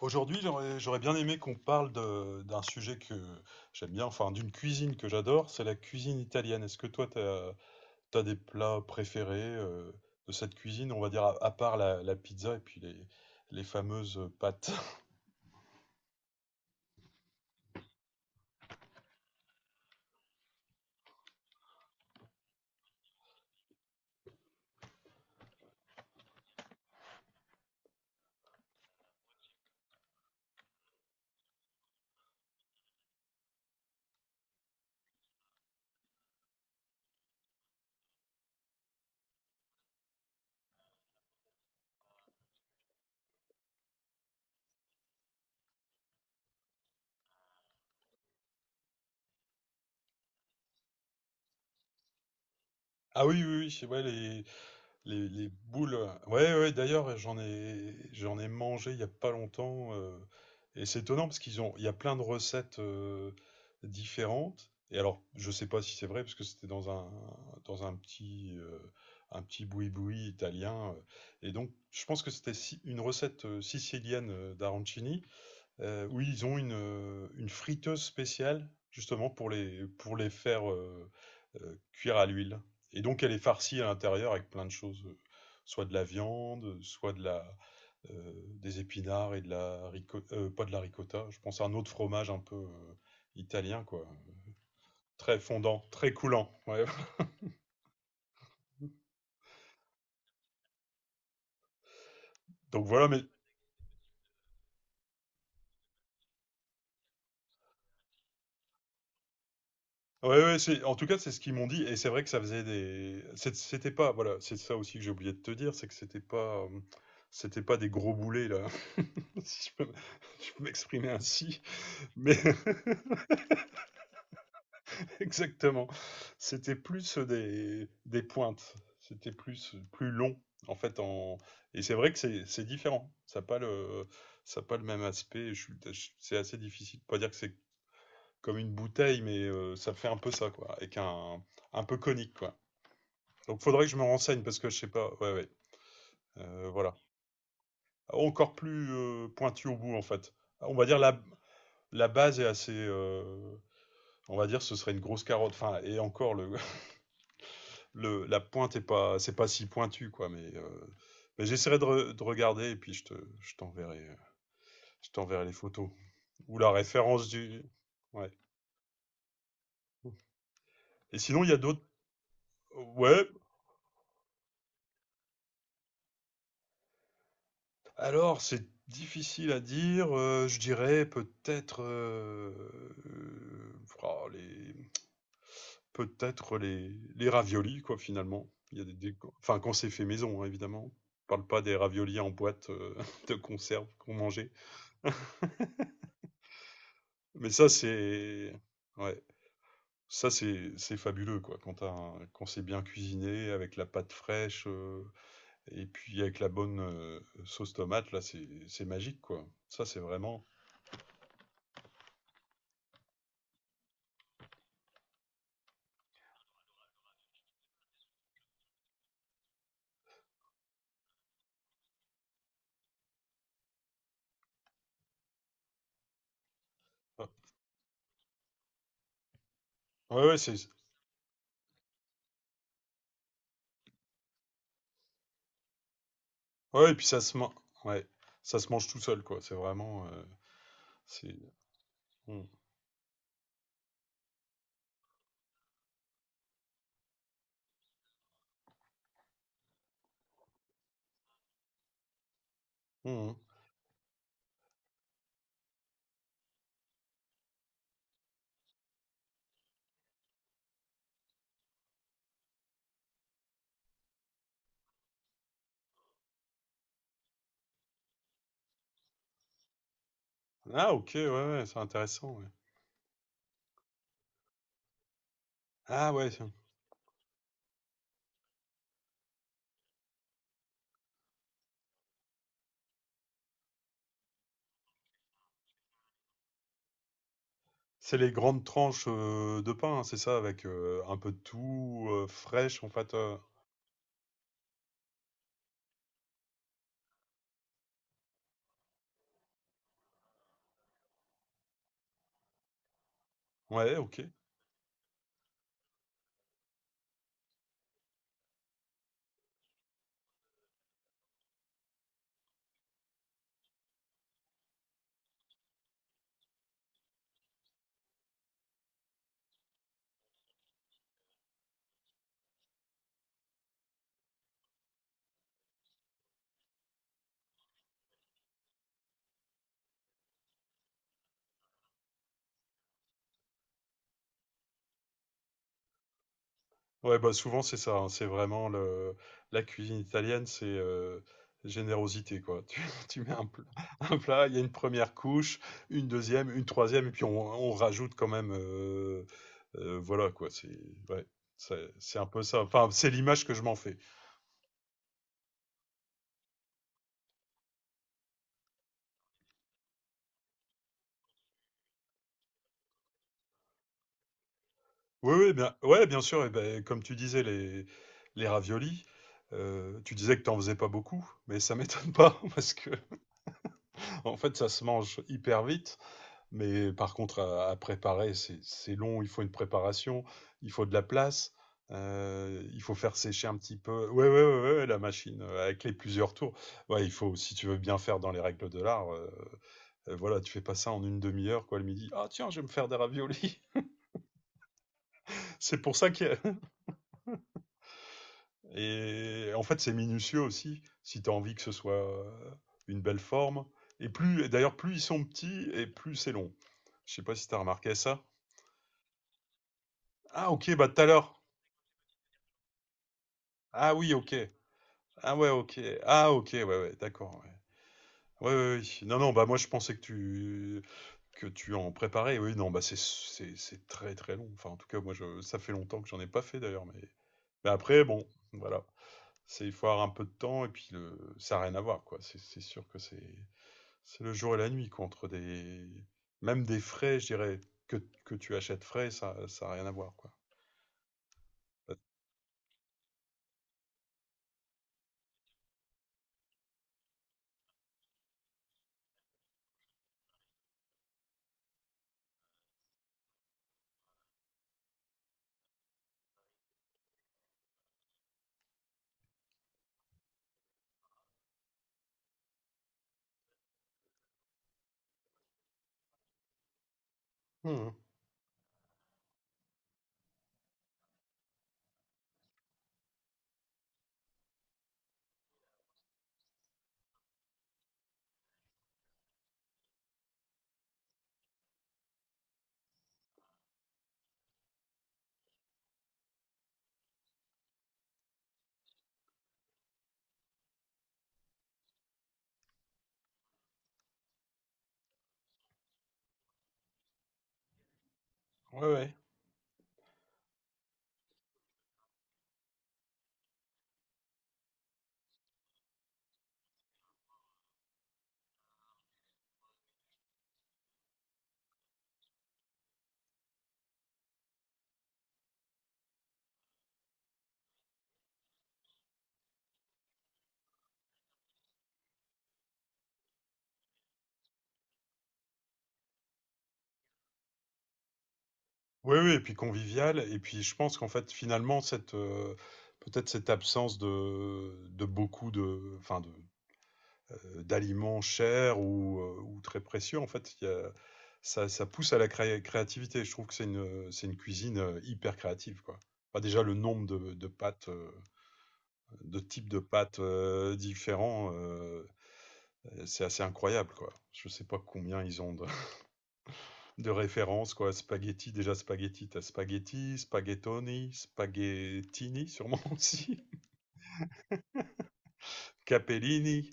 Aujourd'hui, j'aurais bien aimé qu'on parle d'un sujet que j'aime bien, enfin d'une cuisine que j'adore, c'est la cuisine italienne. Est-ce que toi, tu as des plats préférés de cette cuisine, on va dire, à part la pizza et puis les fameuses pâtes? Ah oui, oui, oui, ouais, les boules, ouais, ouais, d'ailleurs, j'en ai mangé il n'y a pas longtemps. Et c'est étonnant parce qu'il y a plein de recettes différentes. Et alors, je sais pas si c'est vrai parce que c'était dans dans un petit boui-boui italien. Et donc, je pense que c'était une recette sicilienne d'arancini. Oui, ils ont une friteuse spéciale justement pour les faire, cuire à l'huile, et donc elle est farcie à l'intérieur avec plein de choses, soit de la viande, soit de la, des épinards et de la rico pas de la ricotta, je pense à un autre fromage un peu, italien quoi, très fondant, très coulant, ouais. Donc voilà, mais ouais, ouais, c'est, en tout cas, c'est ce qu'ils m'ont dit. Et c'est vrai que ça faisait des. C'était pas. Voilà, c'est ça aussi que j'ai oublié de te dire, c'est que c'était pas. C'était pas des gros boulets, là, si je peux, je peux m'exprimer ainsi. Mais exactement. C'était plus des pointes. C'était plus, plus long, en fait. En... Et c'est vrai que c'est différent. Ça n'a pas le, ça a pas le même aspect. C'est assez difficile. De Pas dire que c'est comme une bouteille, mais ça fait un peu ça, quoi. Avec un peu conique, quoi. Donc faudrait que je me renseigne parce que je sais pas. Ouais, ouais. Voilà. Encore plus pointu au bout en fait. On va dire la, la base est assez. On va dire ce serait une grosse carotte. Enfin et encore le, le la pointe est pas c'est pas si pointu quoi. Mais j'essaierai de regarder, et puis je t'enverrai euh, je t'enverrai les photos ou la référence du. Ouais. Et sinon il y a d'autres. Ouais. Alors c'est difficile à dire. Je dirais peut-être euh, oh, les, peut-être les raviolis quoi, finalement. Il y a des enfin quand c'est fait maison, hein, évidemment. Je parle pas des raviolis en boîte, de conserve qu'on mangeait. Mais ça, c'est ouais, ça, c'est fabuleux, quoi, quand tu un quand c'est bien cuisiné avec la pâte fraîche, et puis avec la bonne, sauce tomate, là, c'est magique, quoi. Ça, c'est vraiment ah ouais, ouais, c'est ouais, et puis ça se mange ouais, ça se mange tout seul, quoi. C'est vraiment, c'est mmh. Mmh mh. Ah OK, ouais, ouais, c'est intéressant, ouais. Ah ouais, c'est les grandes tranches, de pain, hein, c'est ça? Avec, un peu de tout, fraîche en fait, heu? Ouais, OK. Ouais, bah, souvent c'est ça, hein, c'est vraiment le la cuisine italienne, c'est, générosité quoi. Tu mets un plat, il y a une première couche, une deuxième, une troisième et puis on rajoute quand même, voilà quoi, c'est ouais, c'est un peu ça. Enfin, c'est l'image que je m'en fais. Oui, oui, bien, ouais, bien sûr. Et ben, comme tu disais, les raviolis, tu disais que tu n'en faisais pas beaucoup, mais ça m'étonne pas parce que, en fait, ça se mange hyper vite. Mais par contre, à préparer, c'est long. Il faut une préparation, il faut de la place, il faut faire sécher un petit peu. Ouais, ouais, ouais, ouais, la machine avec les plusieurs tours. Ouais, il faut, si tu veux bien faire dans les règles de l'art, voilà, tu fais pas ça en une demi-heure, quoi, le midi. Ah, tiens, je vais me faire des raviolis. C'est pour ça que et en fait, c'est minutieux aussi, si tu as envie que ce soit euh, une belle forme. Et plus, et d'ailleurs, plus ils sont petits et plus c'est long. Je sais pas si tu as remarqué ça. Ah, OK, bah tout à l'heure. Ah oui, OK. Ah ouais, OK. Ah OK, ouais, ouais, d'accord. Ouais. Ouais, ouais, ouais. Non, non, bah moi je pensais que tu en préparais. Oui, non, bah c'est c'est très très long. Enfin, en tout cas, moi je ça fait longtemps que j'en ai pas fait d'ailleurs, mais après bon, voilà. C'est il faut avoir un peu de temps, et puis le ça a rien à voir quoi. C'est sûr que c'est le jour et la nuit contre des. Même des frais, je dirais, que, que tu achètes frais, ça ça a rien à voir, quoi. Mmh. Ouais, ouais. Oui, oui, et puis convivial. Et puis je pense qu'en fait, finalement, cette peut-être cette absence de beaucoup de, enfin de, d'aliments chers ou très précieux, en fait, ça, ça pousse à la créativité. Je trouve que c'est une cuisine hyper créative, quoi. Enfin, déjà, le nombre de pâtes, de types de pâtes différents, c'est assez incroyable, quoi. Je sais pas combien ils ont de, de références, quoi. Spaghetti, déjà spaghetti, t'as spaghetti, spaghettoni, spaghettini, sûrement aussi. Capellini.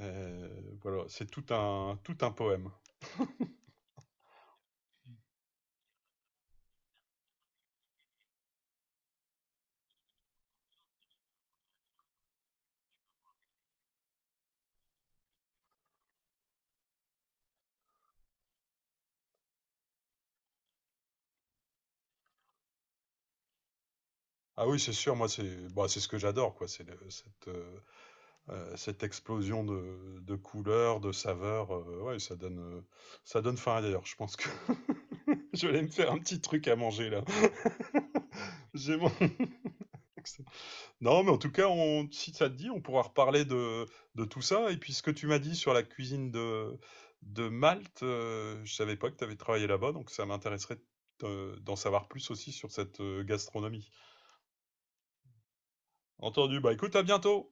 Voilà, c'est tout un poème. Ah oui, c'est sûr, moi, c'est bah, c'est ce que j'adore, quoi. Cette, cette explosion de couleurs, de saveurs. Ouais, ça donne faim, d'ailleurs. Je pense que je vais aller me faire un petit truc à manger, là. J'ai mon... Non, mais en tout cas, on, si ça te dit, on pourra reparler de tout ça. Et puis, ce que tu m'as dit sur la cuisine de Malte, je savais pas que tu avais travaillé là-bas, donc ça m'intéresserait d'en savoir plus aussi sur cette gastronomie. Entendu, bah écoute, à bientôt!